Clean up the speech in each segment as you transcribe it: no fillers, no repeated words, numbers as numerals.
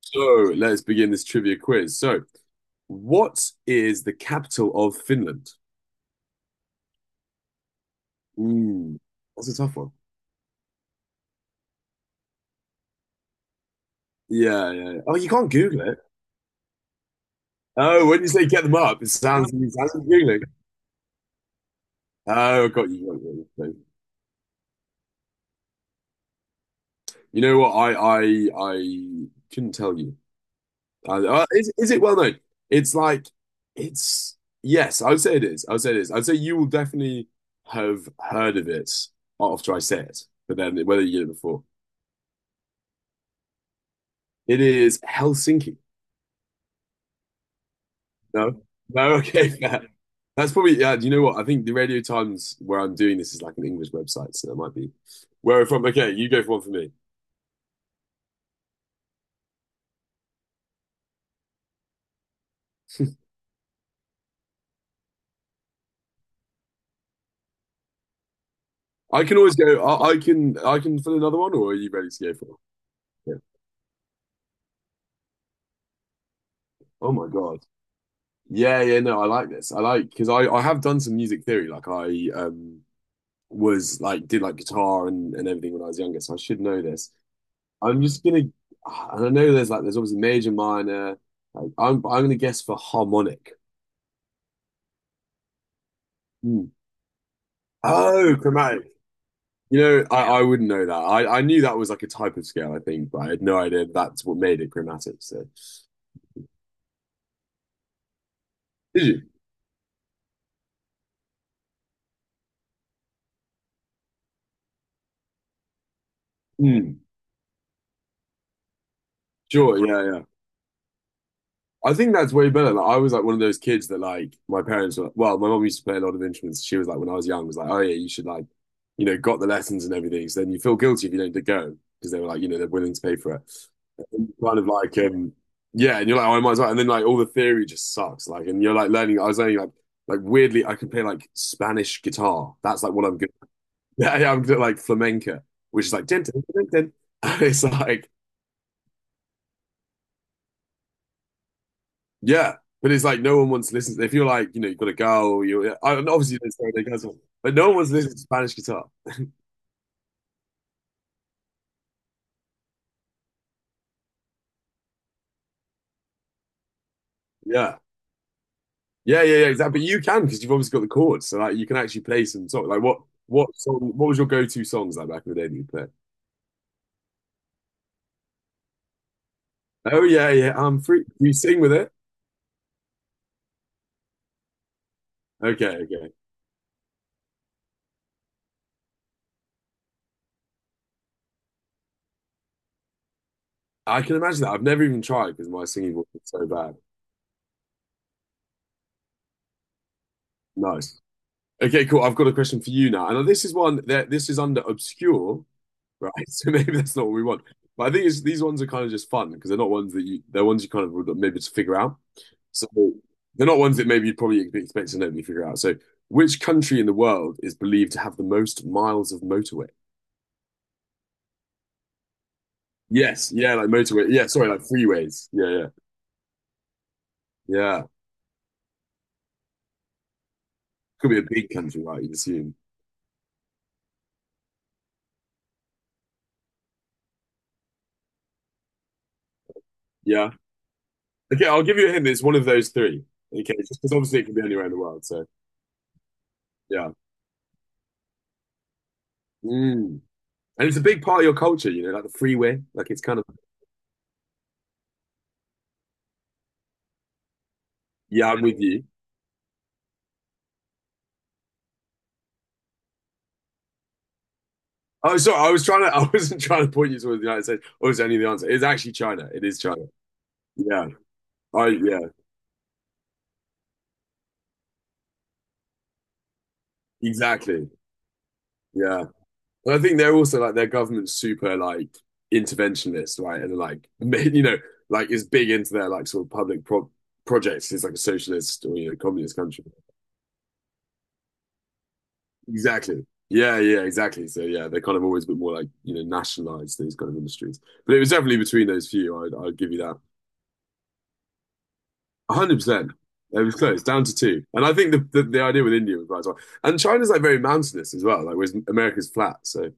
So let's begin this trivia quiz. So, what is the capital of Finland? Mm, that's a tough one. Yeah, yeah, yeah. Oh, you can't Google it. Oh, when you say get them up, it sounds like Googling. Oh, I got you, got you. You know what? I couldn't tell you. I, is it well known? It's like it's yes. I would say it is. I would say it is. I'd say you will definitely have heard of it after I say it, but then whether you did it before. It is Helsinki. No, no, okay, fair. That's probably, yeah. Do you know what? I think the Radio Times where I'm doing this is like an English website, so that might be where I'm from. Okay, you go for one for me. I can always go. I can fill another one, or are you ready to go for one? Yeah. Oh my God. Yeah, yeah. No, I like this. I like Because I have done some music theory. Like I was like did like guitar and everything when I was younger, so I should know this. I'm just gonna And I know there's obviously major, minor. Like I'm gonna guess for harmonic. Hmm. Oh, chromatic. You know, I wouldn't know that. I knew that was like a type of scale, I think, but I had no idea that's what made it chromatic. So, did you? Mm, sure, yeah, yeah. I think that's way better. Like, I was like one of those kids that like my parents were. Well, my mom used to play a lot of instruments. She was like when I was young, was like, oh yeah, you should like, got the lessons and everything. So then you feel guilty if you don't go because they were like, they're willing to pay for it. And you kind of like, yeah, and you're like, oh, I might as well. And then like all the theory just sucks. Like, and you're like learning. I was learning like weirdly, I can play like Spanish guitar. That's like what I'm good. Yeah, yeah, I'm good at like flamenco, which is like dun, dun, dun, dun, dun. It's like yeah, but it's like no one wants to listen. To, if you're like you know you've got a girl, and obviously there's no other girls, but no one wants to listen to Spanish guitar. Yeah, yeah, yeah, yeah, exactly. But you can because you've obviously got the chords, so like you can actually play some song. Like what song? What was your go-to songs like back in the day that you played? Oh yeah, yeah, I'm free. You sing with it? Okay, okay. I can imagine that. I've never even tried because my singing voice is so bad. Nice. Okay, cool. I've got a question for you now. And this is one that this is under obscure, right? So maybe that's not what we want. But I think these ones are kind of just fun because they're not ones that you they're ones you kind of would like maybe just figure out. So they're not ones that maybe you'd probably expect to nobody figure out. So which country in the world is believed to have the most miles of motorway? Yes, yeah, like motorway. Yeah, sorry, like freeways. Yeah, yeah, yeah. Could be a big country, right? You'd assume. Yeah. Okay, I'll give you a hint. It's one of those three. Okay, just because obviously it could be anywhere in the world. So, yeah. Mm. And it's a big part of your culture, like the freeway. Like it's kind of, yeah, I'm with you. Oh, sorry, I was trying to, I wasn't trying to point you towards the United States. Oh, is only the answer. It's actually China. It is China. Yeah. Yeah, exactly. Yeah. And I think they're also like their government's super like interventionist, right? And like, like is big into their like sort of public projects. It's like a socialist or, communist country. Exactly. Yeah, yeah, exactly. So yeah, they're kind of always a bit more like, nationalized these kind of industries. But it was definitely between those few. I'd give you that. 100%. It was close, down to two. And I think the idea with India was right as well. And China's like very mountainous as well, like whereas America's flat. So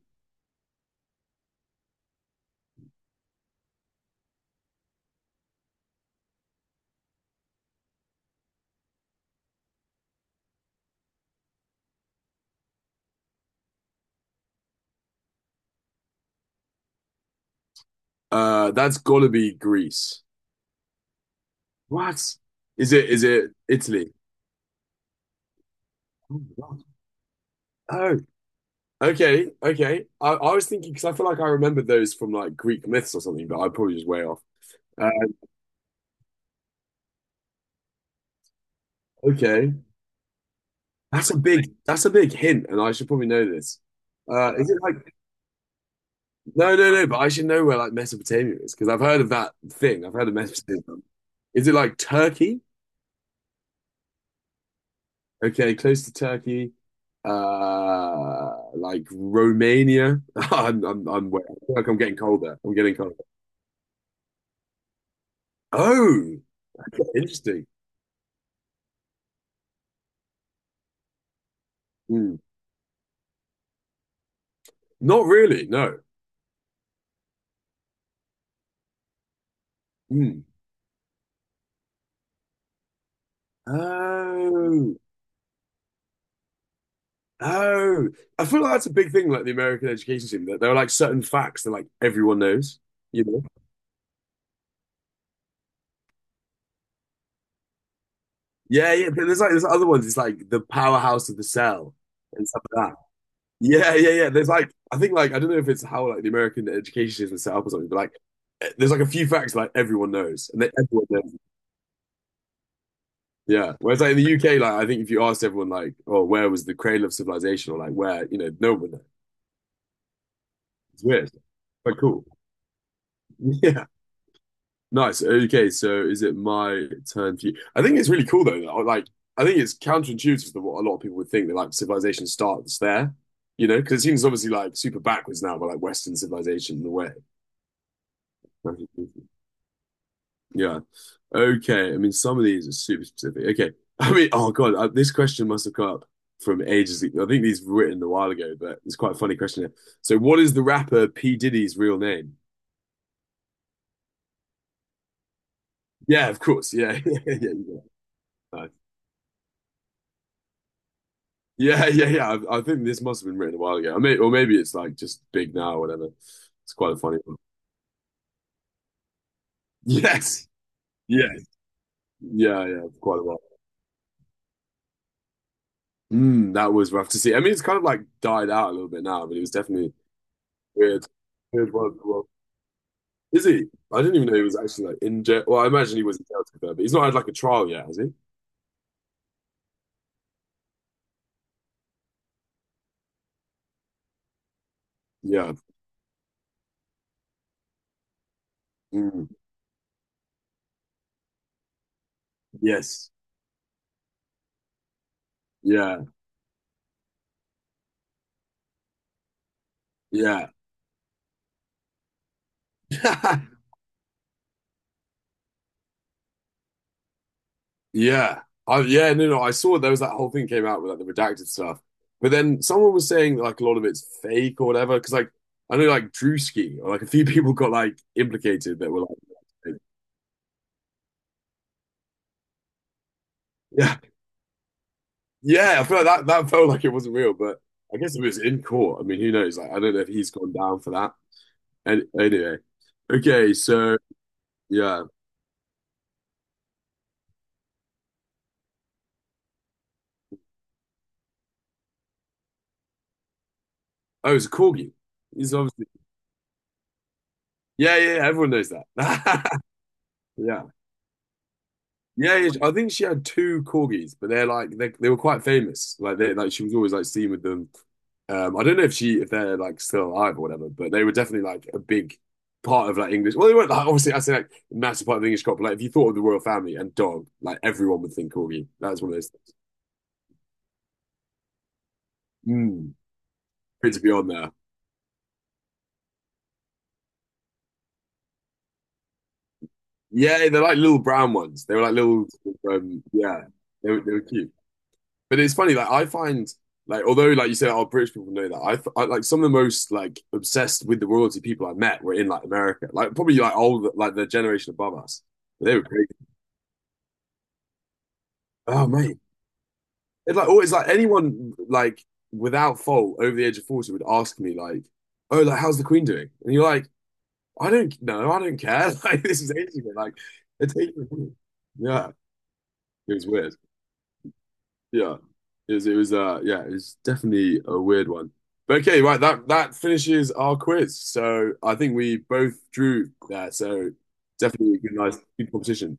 that's gotta be Greece. What? Is it Italy? Oh, my God. Oh, okay, okay. I was thinking because I feel like I remembered those from like Greek myths or something, but I'm probably just way off. Uh, okay, that's a big hint, and I should probably know this. Is it like No, no, no. But I should know where like Mesopotamia is because I've heard of that thing. I've heard of Mesopotamia. Is it like Turkey? Okay, close to Turkey. Like Romania. I'm wet. I feel like I'm getting colder. I'm getting colder. Oh, okay, interesting. Hmm. Not really. No. Hmm. Oh, oh. I feel like that's a big thing. Like the American education system, that there are like certain facts that like everyone knows. You know. Yeah, yeah. But there's other ones. It's like the powerhouse of the cell and stuff like that. Yeah, yeah, yeah. There's like I think like I don't know if it's how like the American education system is set up or something, but like there's like a few facts like everyone knows and then everyone knows. Yeah. Whereas like in the UK, like I think if you asked everyone like, oh, where was the cradle of civilization or like where, no one knows. It's weird. But cool. Yeah. Nice. Okay, so is it my turn for you? I think it's really cool though. Like, I think it's counterintuitive to what a lot of people would think that like civilization starts there, because it seems obviously like super backwards now, but like Western civilization in a way. Yeah. Okay. I mean, some of these are super specific. Okay. I mean, oh God, this question must have come up from ages ago. I think these were written a while ago, but it's quite a funny question here. So, what is the rapper P. Diddy's real name? Yeah, of course. Yeah. Yeah. Yeah. Yeah, yeah, yeah. I think this must have been written a while ago. Or maybe it's like just big now or whatever. It's quite a funny one. Yes. Yes. Yeah, yeah, quite a while. That was rough to see. I mean, it's kind of like died out a little bit now, but it was definitely weird. Weird one. Well, is he? I didn't even know he was actually like in jail. Well, I imagine he was in jail to be fair, but he's not had like a trial yet, has he? Yeah. Mm. Yes. Yeah. Yeah. Yeah. Yeah, no, no. I saw there was that whole thing came out with like the redacted stuff. But then someone was saying that like a lot of it's fake or whatever. Because like I know like Drewski or like a few people got like implicated that were like fake. Yeah. Yeah, I feel like that felt like it wasn't real, but I guess it was in court. I mean, who knows? Like I don't know if he's gone down for that. Anyway. Okay, so yeah. Oh, it's a corgi. He's obviously Yeah, yeah, yeah, everyone knows that. Yeah. Yeah, yeah, I think she had two corgis, but they're like they were quite famous. Like they like she was always like seen with them. I don't know if she if they're like still alive or whatever, but they were definitely like a big part of like English. Well, they weren't like obviously I say like a massive part of the English crop. But, like if you thought of the royal family and dog, like everyone would think corgi. That's one of those things. Mm, Good to be on there. Yeah, they're like little brown ones. They were like little yeah, they were cute. But it's funny, like I find, like although like you say, oh, British people know that. I like some of the most like obsessed with the royalty people I met were in like America, like probably like old, like the generation above us. They were crazy. Oh mate, it's like always like anyone like without fault over the age of 40 would ask me like, oh, like how's the Queen doing? And you're like, I don't know, I don't care. Like this is ages ago. Like it's ages ago. Yeah, it was weird. Yeah. It was yeah, it was definitely a weird one. But okay, right, that finishes our quiz. So I think we both drew there, so definitely a good nice good competition.